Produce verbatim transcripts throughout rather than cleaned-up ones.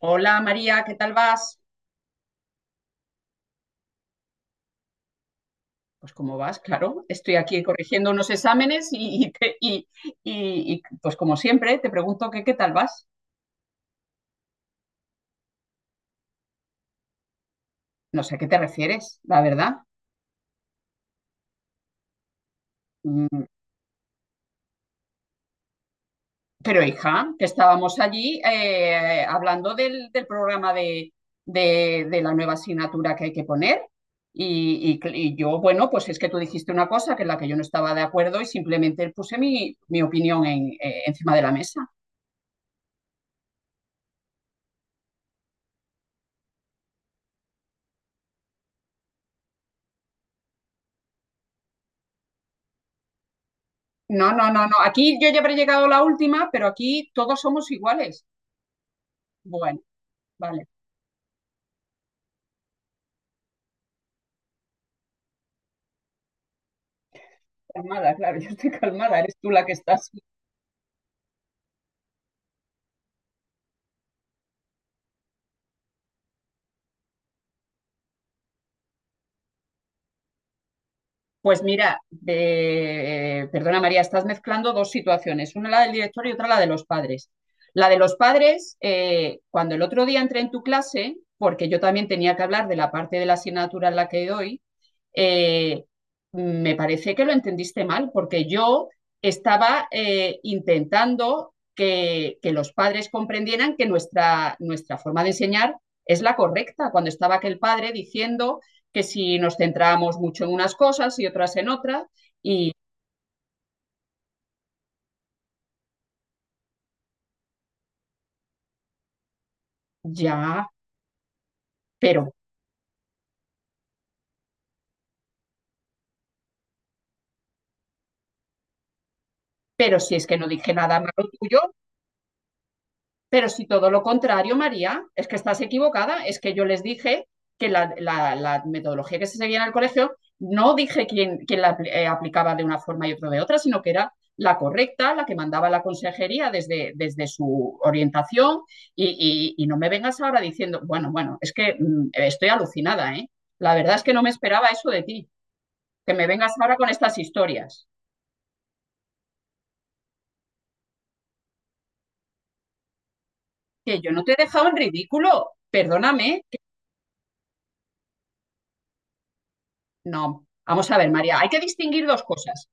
Hola María, ¿qué tal vas? Pues cómo vas, claro. Estoy aquí corrigiendo unos exámenes y, y te- y- y- y, pues como siempre te pregunto que qué tal vas. No sé a qué te refieres, la verdad. Mm, Pero hija, que estábamos allí eh, hablando del, del programa de, de- de la nueva asignatura que hay que poner. Y, y cl- y yo, bueno, pues es que tú dijiste una cosa que en la que yo no estaba de acuerdo y simplemente puse mi, mi opinión en- eh, encima de la mesa. No, no, no, no. Aquí yo ya habré llegado la última, pero aquí todos somos iguales. Bueno, vale. Calmada, claro, yo estoy calmada, eres tú la que estás. Pues mira, eh, perdona María, estás mezclando dos situaciones, una la del director y otra la de los padres. La de los padres, eh, cuando el otro día entré en tu clase, porque yo también tenía que hablar de la parte de la asignatura en la que doy, eh, me parece que lo entendiste mal, porque yo estaba eh, intentando que, que, los padres comprendieran que nuestra, nuestra forma de enseñar es la correcta, cuando estaba aquel padre diciendo que si nos centrábamos mucho en unas cosas y otras en otras, y ya, pero, pero si es que no dije nada malo tuyo. Pero si todo lo contrario, María, es que estás equivocada, es que yo les dije que la, la- la metodología que se seguía en el colegio, no dije quién, quién la eh, aplicaba de una forma y otro de otra, sino que era la correcta, la que mandaba la consejería desde, desde su orientación y, y- y no me vengas ahora diciendo, bueno, bueno, es que mm, estoy alucinada, ¿eh? La verdad es que no me esperaba eso de ti, que me vengas ahora con estas historias, que yo no te he dejado en ridículo, perdóname, que- no. Vamos a ver, María, hay que distinguir dos cosas.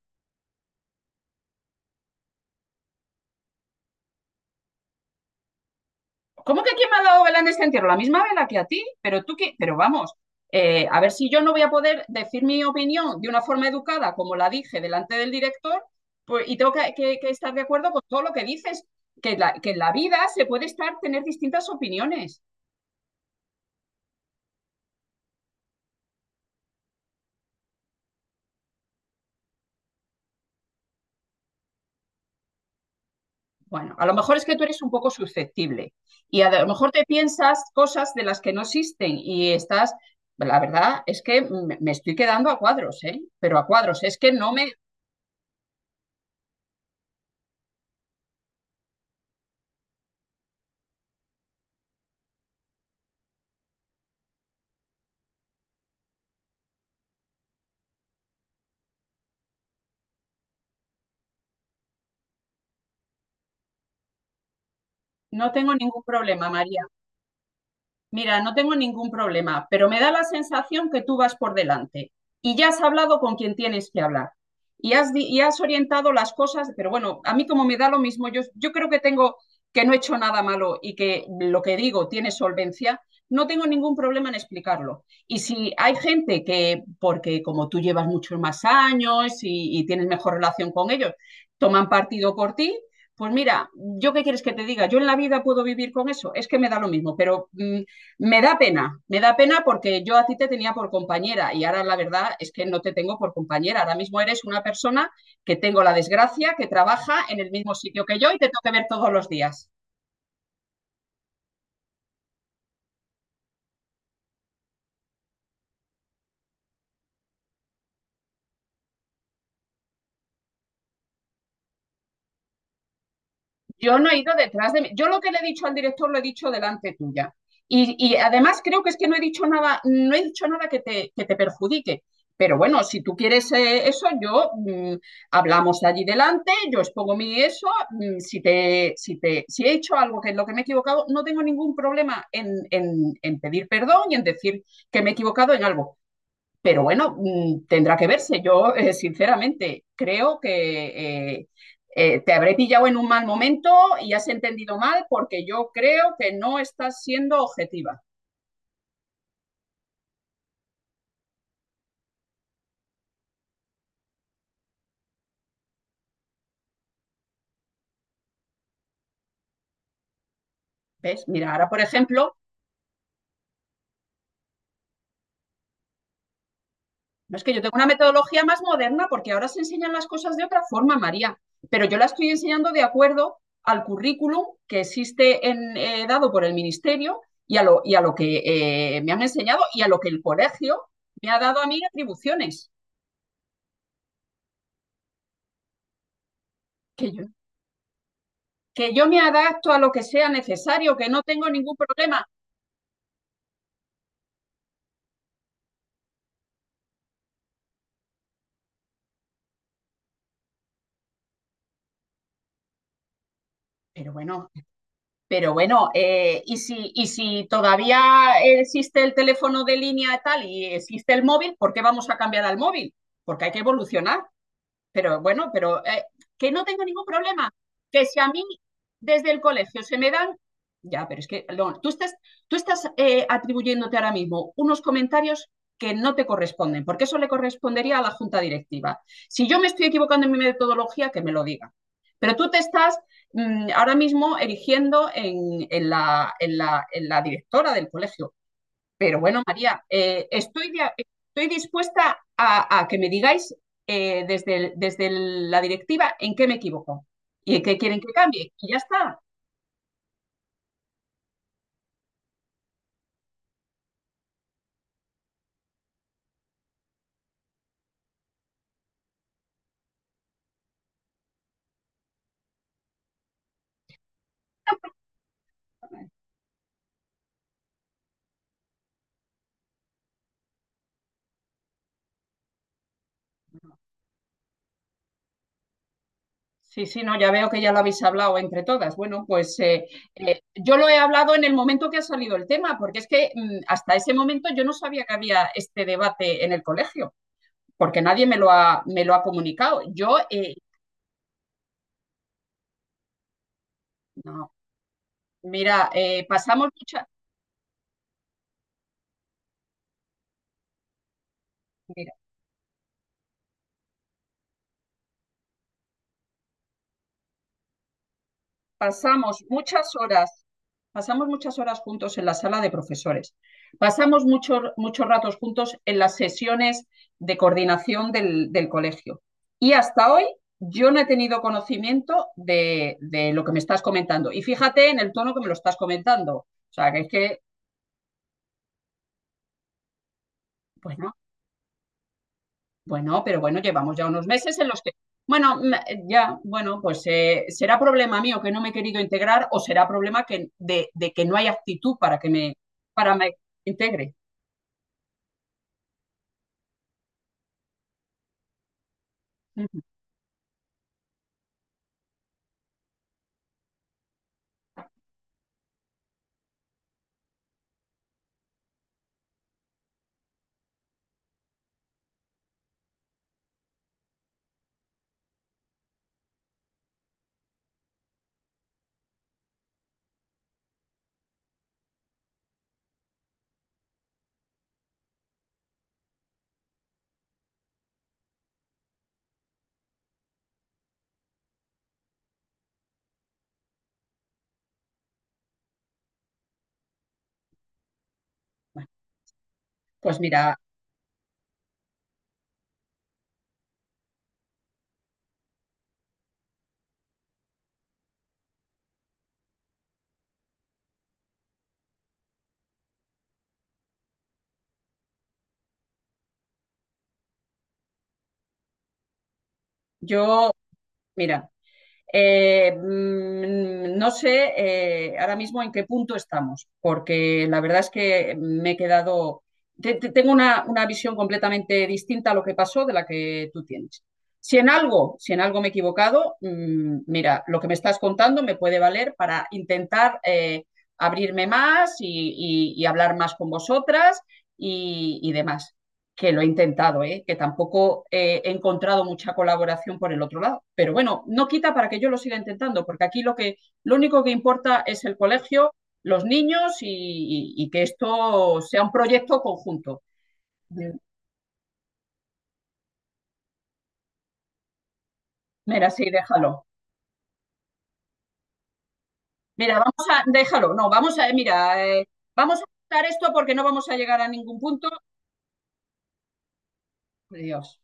¿Cómo que quién me ha dado vela en este entierro? La misma vela que a ti, pero tú qué, pero vamos, eh, a ver si yo no voy a poder decir mi opinión de una forma educada, como la dije delante del director, pues, y tengo que, que- que estar de acuerdo con todo lo que dices, que, la- que en la vida se puede estar, tener distintas opiniones. Bueno, a lo mejor es que tú eres un poco susceptible y a lo mejor te piensas cosas de las que no existen y estás, la verdad es que me me estoy quedando a cuadros, ¿eh? Pero a cuadros, es que no me, no tengo ningún problema, María. Mira, no tengo ningún problema, pero me da la sensación que tú vas por delante y ya has hablado con quien tienes que hablar y has, y has orientado las cosas, pero bueno, a mí como me da lo mismo, yo, yo creo que tengo que no he hecho nada malo y que lo que digo tiene solvencia, no tengo ningún problema en explicarlo. Y si hay gente que, porque como tú llevas muchos más años y, y tienes mejor relación con ellos, toman partido por ti, pues mira, ¿yo qué quieres que te diga? Yo en la vida puedo vivir con eso, es que me da lo mismo, pero mm, me da pena, me da pena porque yo a ti te tenía por compañera y ahora la verdad es que no te tengo por compañera. Ahora mismo eres una persona que tengo la desgracia, que trabaja en el mismo sitio que yo y te tengo que ver todos los días. Yo no he ido detrás de mí. Yo lo que le he dicho al director lo he dicho delante tuya. Y, y además creo que es que no he dicho nada, no he dicho nada que te, que te perjudique. Pero bueno, si tú quieres eh, eso, yo mm, hablamos allí delante, yo expongo mi eso, mm, si te, si te, si he hecho algo que es lo que me he equivocado, no tengo ningún problema en, en, en pedir perdón y en decir que me he equivocado en algo. Pero bueno, mm, tendrá que verse. Yo, eh, sinceramente, creo que eh, eh, te habré pillado en un mal momento y has entendido mal porque yo creo que no estás siendo objetiva. ¿Ves? Mira, ahora, por ejemplo, no es que yo tengo una metodología más moderna porque ahora se enseñan las cosas de otra forma, María, pero yo la estoy enseñando de acuerdo al currículum que existe en, eh, dado por el ministerio y a lo, y a lo que eh, me han enseñado y a lo que el colegio me ha dado a mí atribuciones, que yo que yo me adapto a lo que sea necesario, que no tengo ningún problema. Pero bueno, pero bueno, eh, y, si, y si todavía existe el teléfono de línea y tal y existe el móvil, ¿por qué vamos a cambiar al móvil? Porque hay que evolucionar. Pero bueno, pero eh, que no tengo ningún problema. Que si a mí desde el colegio se me dan... Ya, pero es que no, tú estás, tú estás eh, atribuyéndote ahora mismo unos comentarios que no te corresponden, porque eso le correspondería a la junta directiva. Si yo me estoy equivocando en mi metodología, que me lo diga. Pero tú te estás mmm, ahora mismo erigiendo en, en, la, en, la, en la directora del colegio. Pero bueno, María, eh, estoy, de- estoy dispuesta a, a que me digáis eh, desde, el- desde el- la directiva en qué me equivoco y en qué quieren que cambie. Y ya está. Sí, sí, no, ya veo que ya lo habéis hablado entre todas. Bueno, pues eh, eh, yo lo he hablado en el momento que ha salido el tema, porque es que mm, hasta ese momento yo no sabía que había este debate en el colegio, porque nadie me lo ha, me lo ha comunicado. Yo, eh, no, mira, eh, pasamos muchas... pasamos muchas horas, pasamos muchas horas juntos en la sala de profesores, pasamos muchos muchos ratos juntos en las sesiones de coordinación del, del colegio. Y hasta hoy yo no he tenido conocimiento de, de, lo que me estás comentando. Y fíjate en el tono que me lo estás comentando. O sea, que es que, pues no, bueno, pero bueno, llevamos ya unos meses en los que, bueno, mm, ya, bueno, pues eh, será problema mío que no me he querido integrar o será problema que, de, de que no hay actitud para que me, para me integre. Ujú. Bueno, pues mira, yo, mira, Eh, mm, no sé eh, ahora mismo en qué punto estamos, porque la verdad es que me he quedado, te- te- tengo una, una visión completamente distinta a lo que pasó de la que tú tienes. Si en algo, si en algo me he equivocado, mm, mira, lo que me estás contando me puede valer para intentar eh, abrirme más y, y- y hablar más con vosotras y, y demás que lo he intentado, ¿eh? Que tampoco eh, he encontrado mucha colaboración por el otro lado. Pero bueno, no quita para que yo lo siga intentando, porque aquí lo, que, lo único que importa es el colegio, los niños y, y, y que esto sea un proyecto conjunto. Mira, sí, déjalo. Mira, vamos a, déjalo, no, vamos a, mira, eh, vamos a quitar esto porque no vamos a llegar a ningún punto. Dios.